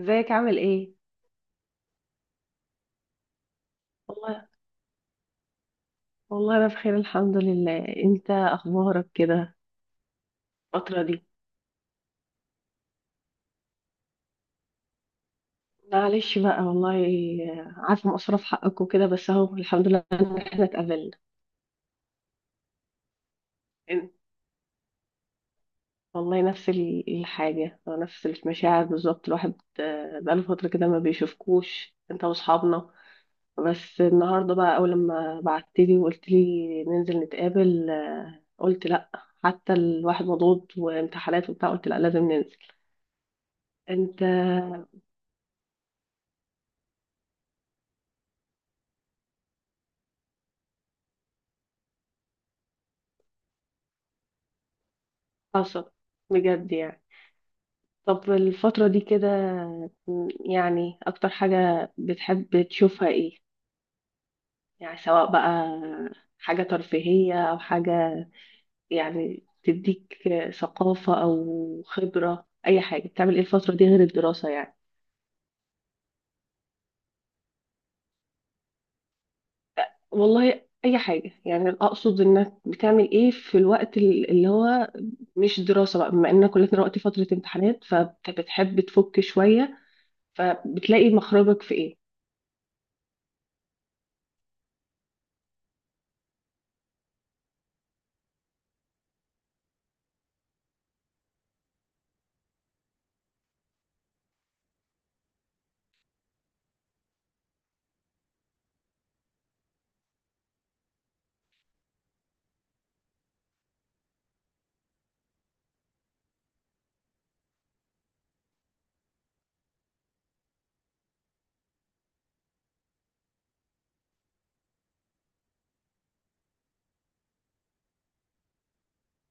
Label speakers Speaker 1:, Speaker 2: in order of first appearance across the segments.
Speaker 1: ازيك عامل ايه؟ والله والله انا بخير الحمد لله. انت اخبارك كده الفترة دي؟ معلش بقى، والله عارفة مقصرة في حقك وكده، بس اهو الحمد لله ان احنا اتقابلنا. إن- والله نفس الحاجة، نفس المشاعر بالظبط. الواحد بقاله فترة كده ما بيشوفكوش انت واصحابنا. بس النهاردة بقى، اول لما بعتلي وقلت لي ننزل نتقابل، قلت لا. حتى الواحد مضغوط وامتحانات وبتاع، قلت لا لازم ننزل. انت حصل بجد يعني. طب الفترة دي كده يعني، أكتر حاجة بتحب تشوفها إيه؟ يعني سواء بقى حاجة ترفيهية أو حاجة يعني تديك ثقافة أو خبرة، أي حاجة بتعمل إيه الفترة دي غير الدراسة يعني؟ والله أي حاجة، يعني أقصد إنك بتعمل إيه في الوقت اللي هو مش دراسة بقى، بما إننا كلنا دلوقتي فترة امتحانات، فبتحب تفك شوية، فبتلاقي مخرجك في إيه؟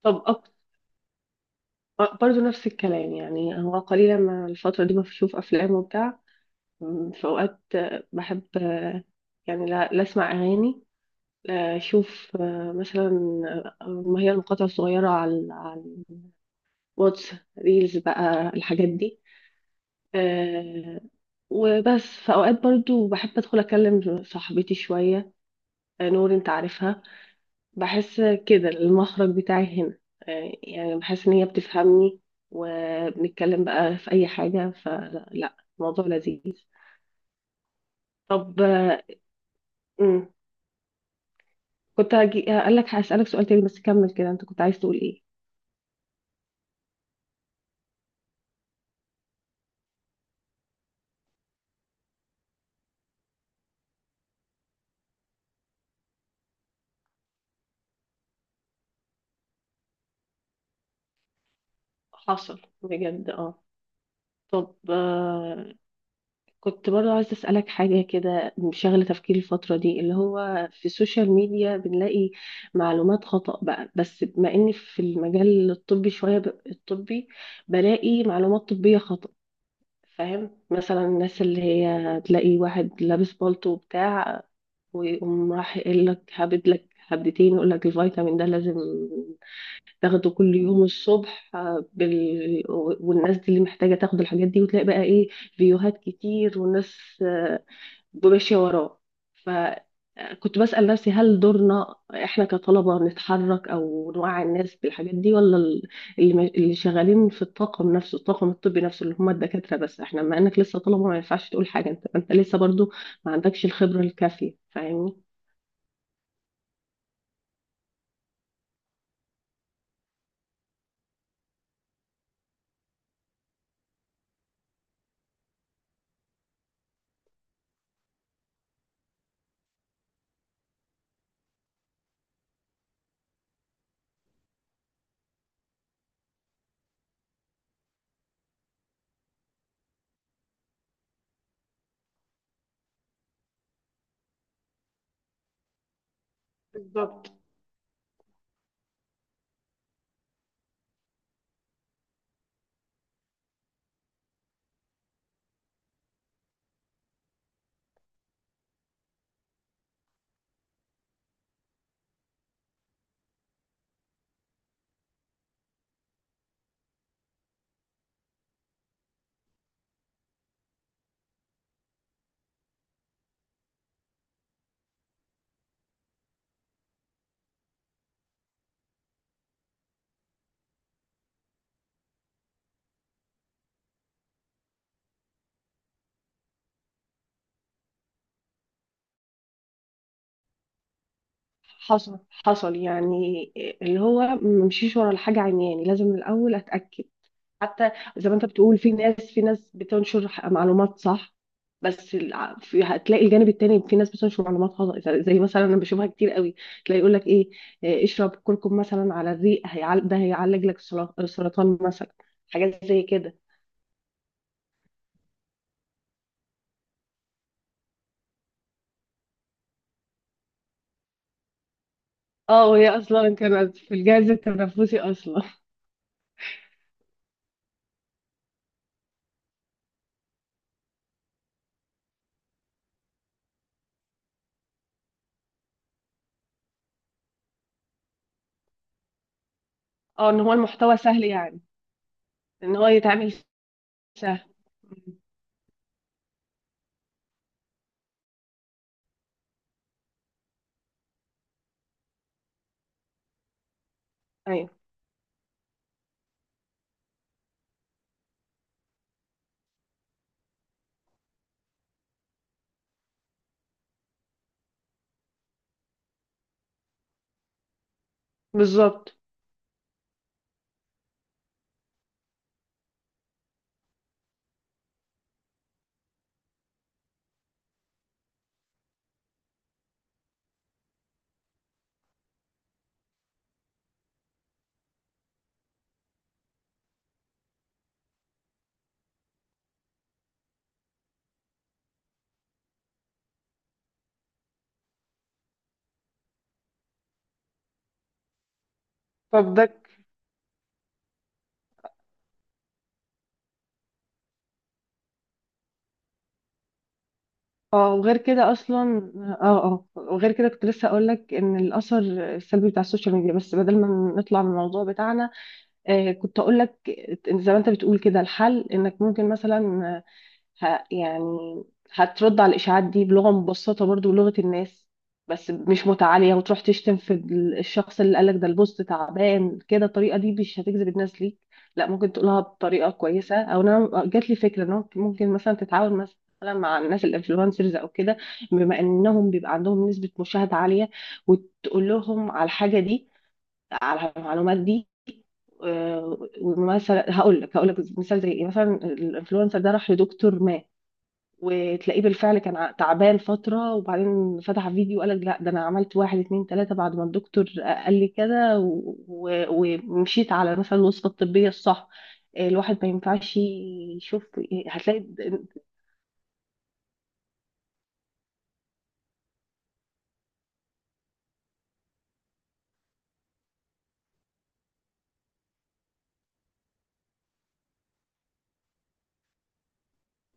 Speaker 1: طب، برضو نفس الكلام. يعني هو قليلا ما الفترة دي ما بشوف أفلام وبتاع. في أوقات بحب يعني لا أسمع أغاني، لا أشوف مثلا، ما هي المقاطع الصغيرة، على الواتس، ريلز بقى، الحاجات دي. آه، وبس في أوقات برضو بحب أدخل أكلم صاحبتي شوية، نور، أنت عارفها. بحس كده المخرج بتاعي هنا. يعني بحس ان هي بتفهمني، وبنتكلم بقى في اي حاجة، فلا الموضوع لذيذ. طب، مم، كنت هجي اقول لك هسألك سؤال تاني، بس كمل كده، انت كنت عايز تقول ايه؟ حصل بجد، اه. طب كنت برضو عايزة أسألك حاجة، كده شغلة تفكيري الفترة دي، اللي هو في السوشيال ميديا بنلاقي معلومات خطأ بقى. بس بما إني في المجال الطبي شوية، الطبي، بلاقي معلومات طبية خطأ. فاهم؟ مثلا الناس اللي هي تلاقي واحد لابس بالطو وبتاع، ويقوم راح يقول لك هبد لك هبدتين، يقول لك الفيتامين ده لازم تاخده كل يوم الصبح، والناس دي اللي محتاجة تاخد الحاجات دي، وتلاقي بقى ايه؟ فيديوهات كتير، والناس آه، ماشية وراه. فكنت بسأل نفسي، هل دورنا احنا كطلبة نتحرك او نوعي الناس بالحاجات دي، ولا اللي شغالين في الطاقم نفسه، الطاقم الطبي نفسه، اللي هم الدكاترة؟ بس احنا، ما انك لسه طلبة ما ينفعش تقول حاجة. انت لسه برضو ما عندكش الخبرة الكافية. فاهمني؟ بالظبط. حصل، حصل يعني، اللي هو ممشيش ورا الحاجة عمياني، لازم من الأول أتأكد. حتى زي ما أنت بتقول، في ناس بتنشر معلومات صح، بس في هتلاقي الجانب التاني في ناس بتنشر معلومات خطأ، زي مثلا أنا بشوفها كتير قوي. تلاقي يقول لك إيه، اشرب كركم مثلا على الريق، ده هيعالج لك السرطان مثلا، حاجات زي كده. اه، وهي أصلا كانت في الجهاز التنفسي أصلا. اه، إن هو المحتوى سهل يعني، إن هو يتعمل سهل. أيوه، بالظبط. فبدك، اه، وغير كده اصلا. اه، اه، وغير كده كنت لسه اقول لك ان الاثر السلبي بتاع السوشيال ميديا. بس بدل ما نطلع من الموضوع بتاعنا، كنت اقول لك، زي ما انت بتقول كده، الحل انك ممكن مثلا آه، يعني هترد على الإشاعات دي بلغة مبسطة، برضو بلغة الناس، بس مش متعالية وتروح تشتم في الشخص اللي قالك، ده البوست تعبان كده، الطريقة دي مش هتجذب الناس ليك. لا، ممكن تقولها بطريقة كويسة، أو أنا جات لي فكرة إن هو ممكن مثلا تتعاون مثلا مع الناس الانفلونسرز أو كده، بما إنهم بيبقى عندهم نسبة مشاهدة عالية، وتقول لهم على الحاجة دي، على المعلومات دي. ومثلا هقول لك مثال زي ايه. مثلا الانفلونسر ده راح لدكتور ما، وتلاقيه بالفعل كان تعبان فترة، وبعدين فتح فيديو قالك لا ده انا عملت واحد اتنين تلاتة بعد ما الدكتور قال لي كده، ومشيت على مثلا الوصفة الطبية الصح. الواحد ما ينفعش يشوف، هتلاقي د-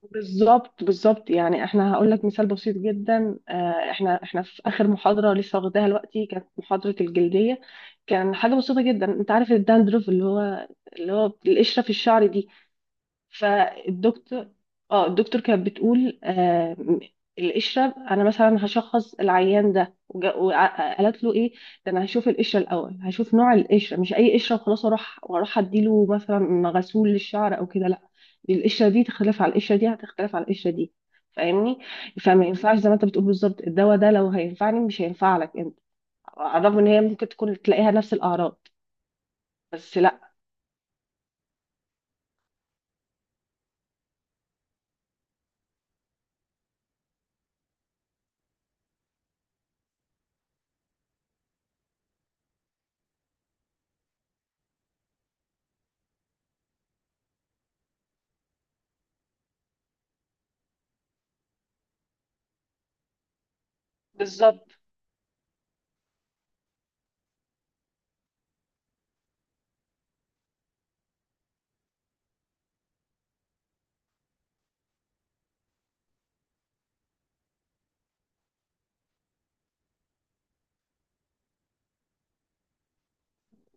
Speaker 1: بالظبط، بالظبط. يعني احنا هقول لك مثال بسيط جدا. احنا في اخر محاضرة لسه واخداها دلوقتي، كانت محاضرة الجلدية. كان حاجة بسيطة جدا، انت عارف الداندروف، اللي هو القشرة في الشعر دي. فالدكتور اه الدكتور كانت بتقول القشرة، انا مثلا هشخص العيان ده، قالت له ايه، ده انا هشوف القشرة الاول، هشوف نوع القشرة، مش اي قشرة وخلاص اروح، واروح اديله مثلا غسول للشعر او كده، لا. دي القشرة دي تختلف على القشرة دي، هتختلف على القشرة دي. فاهمني؟ فما ينفعش، زي ما انت بتقول بالظبط، الدواء ده لو هينفعني مش هينفع لك انت، على الرغم ان هي ممكن تكون تلاقيها نفس الاعراض، بس لا. بالظبط،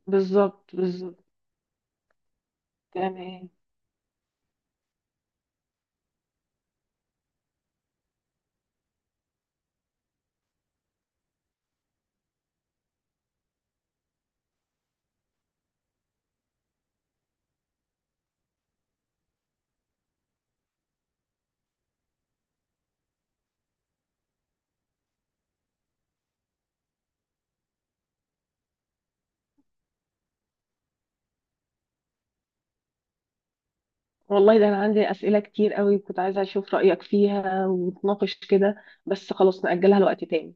Speaker 1: بالظبط، بالظبط. تمام. والله ده انا عندي اسئله كتير قوي كنت عايزه اشوف رايك فيها ونتناقش كده، بس خلاص ناجلها لوقت تاني.